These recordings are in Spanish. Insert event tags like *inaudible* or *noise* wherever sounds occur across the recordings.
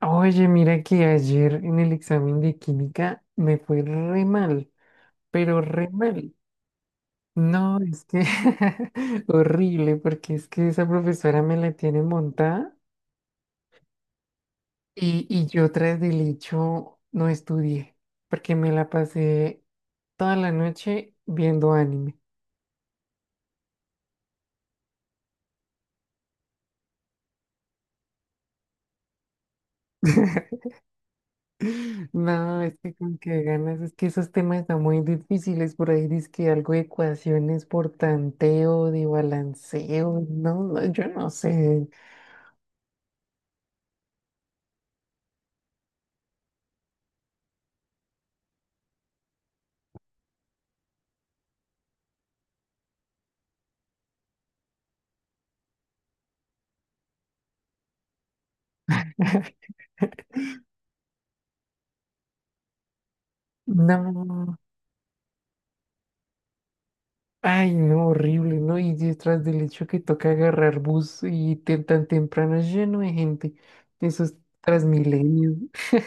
Oye, mira que ayer en el examen de química me fue re mal, pero re mal. No, es que *laughs* horrible, porque es que esa profesora me la tiene montada y yo tras del hecho no estudié, porque me la pasé toda la noche viendo anime. *laughs* No, es que con qué ganas, es que esos temas están muy difíciles por ahí, dice que algo de ecuaciones por tanteo, de balanceo, no, no, yo no sé. *laughs* No, ay, no, horrible, ¿no? Y detrás del hecho que toca agarrar bus y tan temprano es lleno de gente, esos Transmilenios. *laughs*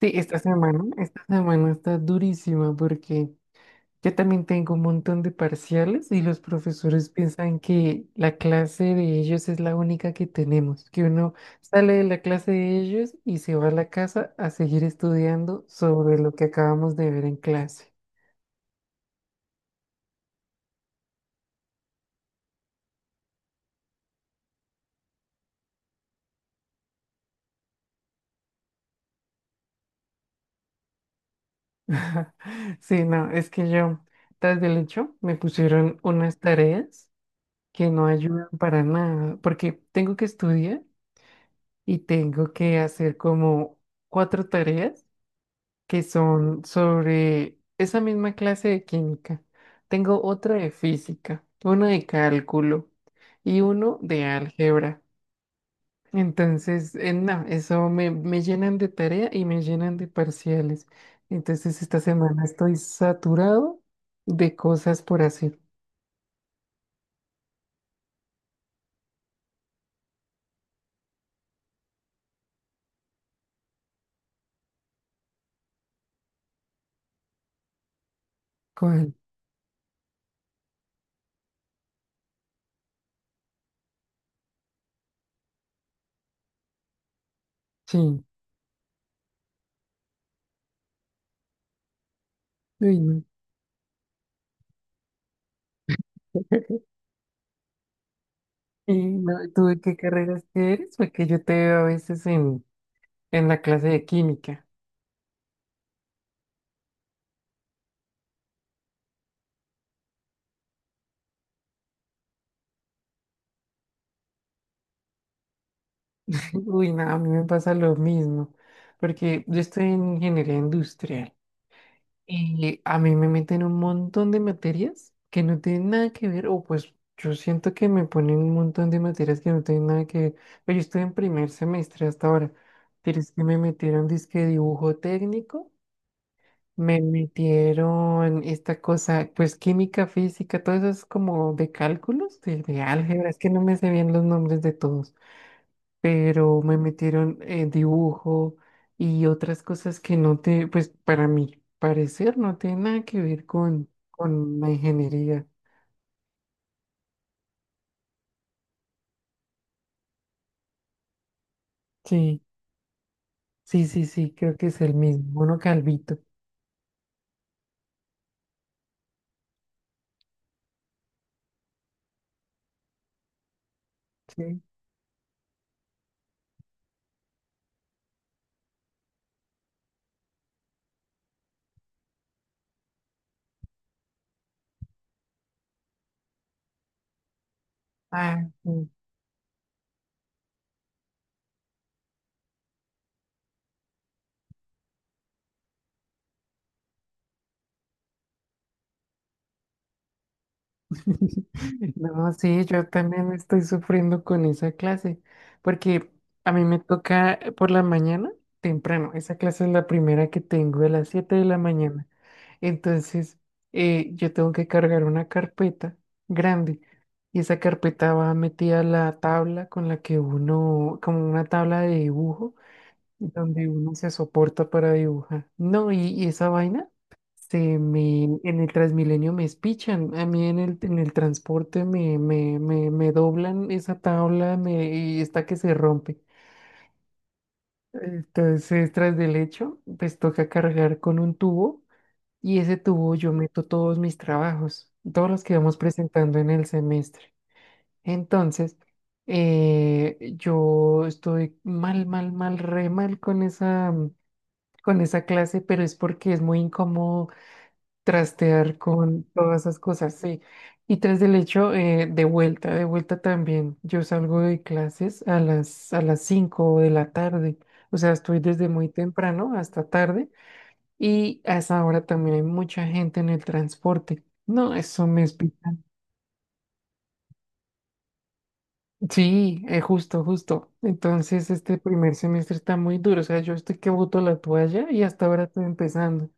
Sí, esta semana está durísima porque yo también tengo un montón de parciales y los profesores piensan que la clase de ellos es la única que tenemos, que uno sale de la clase de ellos y se va a la casa a seguir estudiando sobre lo que acabamos de ver en clase. *laughs* Sí, no, es que yo, tras del hecho, me pusieron unas tareas que no ayudan para nada, porque tengo que estudiar y tengo que hacer como cuatro tareas que son sobre esa misma clase de química. Tengo otra de física, una de cálculo y uno de álgebra. Entonces, no, eso me, me llenan de tarea y me llenan de parciales. Entonces, esta semana estoy saturado de cosas por hacer. ¿Cuál? Sí. Uy, no. Y no, ¿tú de qué carreras eres? Porque yo te veo a veces en la clase de química. Uy, no, a mí me pasa lo mismo, porque yo estoy en ingeniería industrial y a mí me meten un montón de materias que no tienen nada que ver, o pues yo siento que me ponen un montón de materias que no tienen nada que ver, pero yo estoy en primer semestre hasta ahora, pero es que me metieron disque dibujo técnico, me metieron esta cosa, pues química, física, todas eso es como de cálculos, de álgebra, es que no me sé bien los nombres de todos, pero me metieron dibujo y otras cosas que no te, pues para mi parecer no tiene nada que ver con la ingeniería. Sí, sí, sí, sí, creo que es el mismo, uno calvito. Sí. Ah, sí. *laughs* No, sí, yo también estoy sufriendo con esa clase, porque a mí me toca por la mañana temprano, esa clase es la primera que tengo de las siete de la mañana. Entonces, yo tengo que cargar una carpeta grande y esa carpeta va metida a la tabla con la que uno, como una tabla de dibujo, donde uno se soporta para dibujar. No, y esa vaina se me, en el Transmilenio me espichan, a mí en el transporte me doblan esa tabla me, y está que se rompe. Entonces, tras del hecho, pues toca cargar con un tubo. Y ese tubo yo meto todos mis trabajos, todos los que vamos presentando en el semestre. Entonces, yo estoy mal, mal, mal, re mal con esa clase, pero es porque es muy incómodo trastear con todas esas cosas, sí. Y tras del hecho, de vuelta también. Yo salgo de clases a las 5 de la tarde. O sea, estoy desde muy temprano hasta tarde y a esa hora también hay mucha gente en el transporte. No, eso me explica. Sí, justo, justo. Entonces, este primer semestre está muy duro. O sea, yo estoy que boto la toalla y hasta ahora estoy empezando.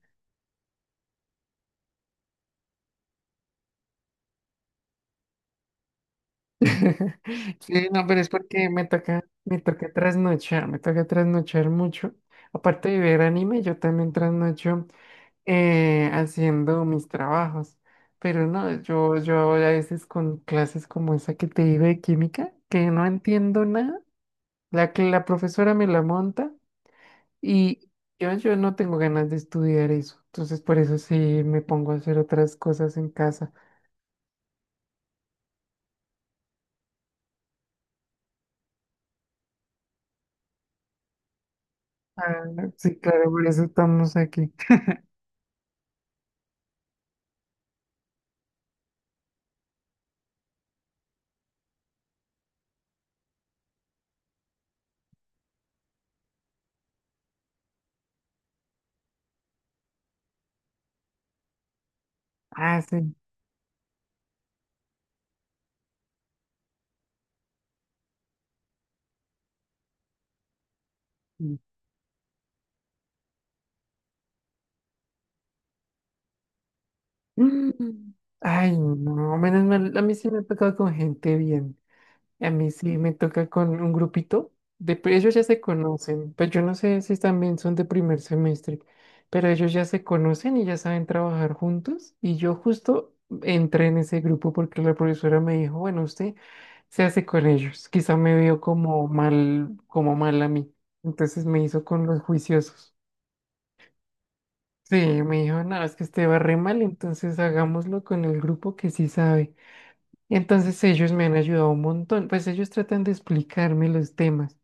*laughs* Sí, no, pero es porque me toca trasnochar mucho. Aparte de ver anime, yo también trasnocho haciendo mis trabajos. Pero no, yo a veces con clases como esa que te digo de química, que no entiendo nada. La que la profesora me la monta y yo no tengo ganas de estudiar eso. Entonces, por eso sí me pongo a hacer otras cosas en casa. Ah, sí, claro, por eso estamos aquí. Ah, sí. Sí. Mm. Ay, no, menos mal. A mí sí me ha tocado con gente bien. A mí sí me toca con un grupito. De, ellos ya se conocen, pero yo no sé si también son de primer semestre, pero ellos ya se conocen y ya saben trabajar juntos. Y yo justo entré en ese grupo porque la profesora me dijo, bueno, usted se hace con ellos. Quizá me vio como mal a mí. Entonces me hizo con los juiciosos. Sí, me dijo, no, es que usted va re mal, entonces hagámoslo con el grupo que sí sabe. Y entonces ellos me han ayudado un montón, pues ellos tratan de explicarme los temas.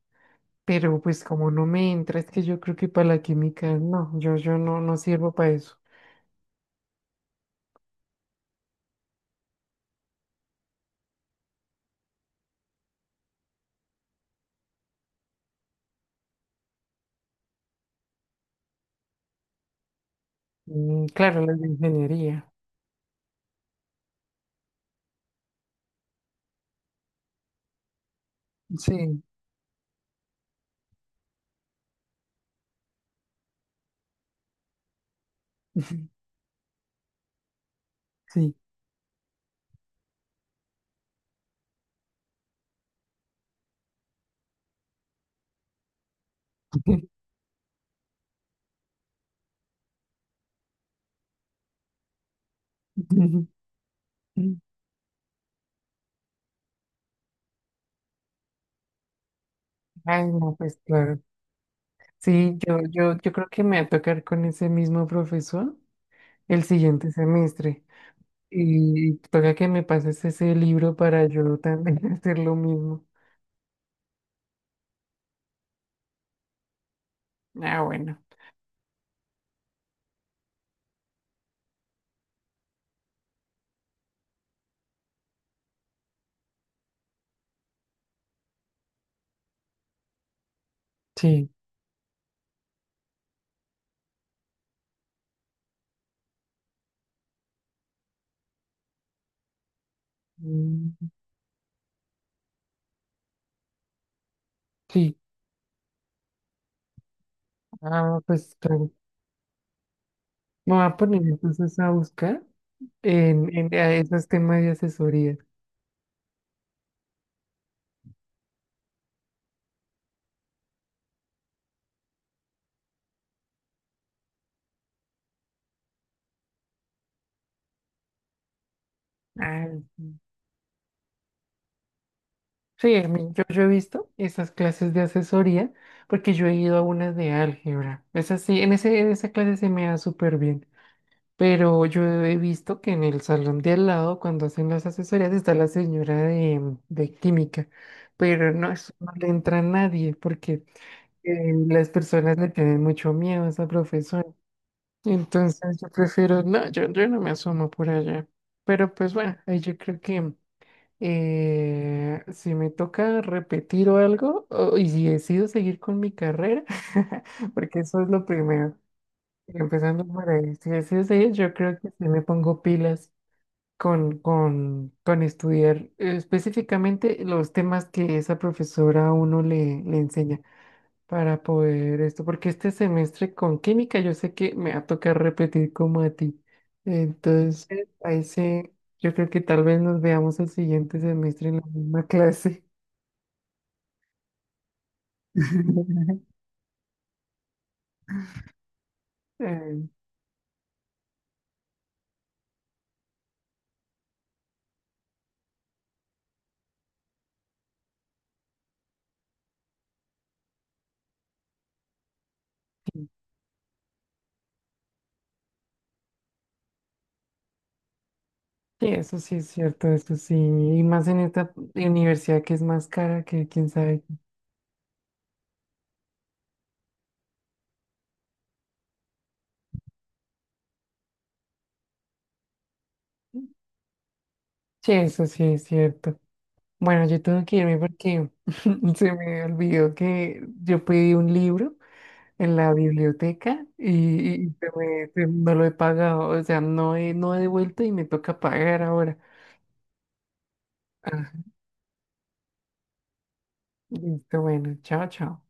Pero pues como no me entra, es que yo creo que para la química no, yo, no sirvo para eso. Mm, claro, las de ingeniería. Sí, *laughs* sí. *laughs* Ay, no, pues claro. Sí, yo creo que me va a tocar con ese mismo profesor el siguiente semestre. Y toca que me pases ese libro para yo también *laughs* hacer lo mismo. Ah, bueno. Sí. Mm, sí. Ah, pues claro. Me voy a poner entonces a buscar. A esos temas de asesoría. Ah, sí. Sí, yo, yo he visto esas clases de asesoría porque yo he ido a unas de álgebra. Es así, en ese, en esa clase se me da súper bien. Pero yo he visto que en el salón de al lado, cuando hacen las asesorías, está la señora de química. Pero no, eso no le entra a nadie porque las personas le tienen mucho miedo a esa profesora. Entonces yo prefiero, no, yo no me asomo por allá. Pero pues bueno, ahí yo creo que si me toca repetir o algo, y si decido seguir con mi carrera, *laughs* porque eso es lo primero, empezando por ahí, si decido seguir, yo creo que sí me pongo pilas con estudiar específicamente los temas que esa profesora a uno le, le enseña para poder esto, porque este semestre con química yo sé que me va a tocar repetir como a ti. Entonces, ahí sí, yo creo que tal vez nos veamos el siguiente semestre en la misma clase. *laughs* Eh, sí, eso sí es cierto, eso sí, y más en esta universidad que es más cara que quién sabe. Sí, eso sí es cierto. Bueno, yo tengo que irme porque *laughs* se me olvidó que yo pedí un libro en la biblioteca y no lo he pagado, o sea, no he, no he devuelto y me toca pagar ahora. Listo, bueno, chao, chao.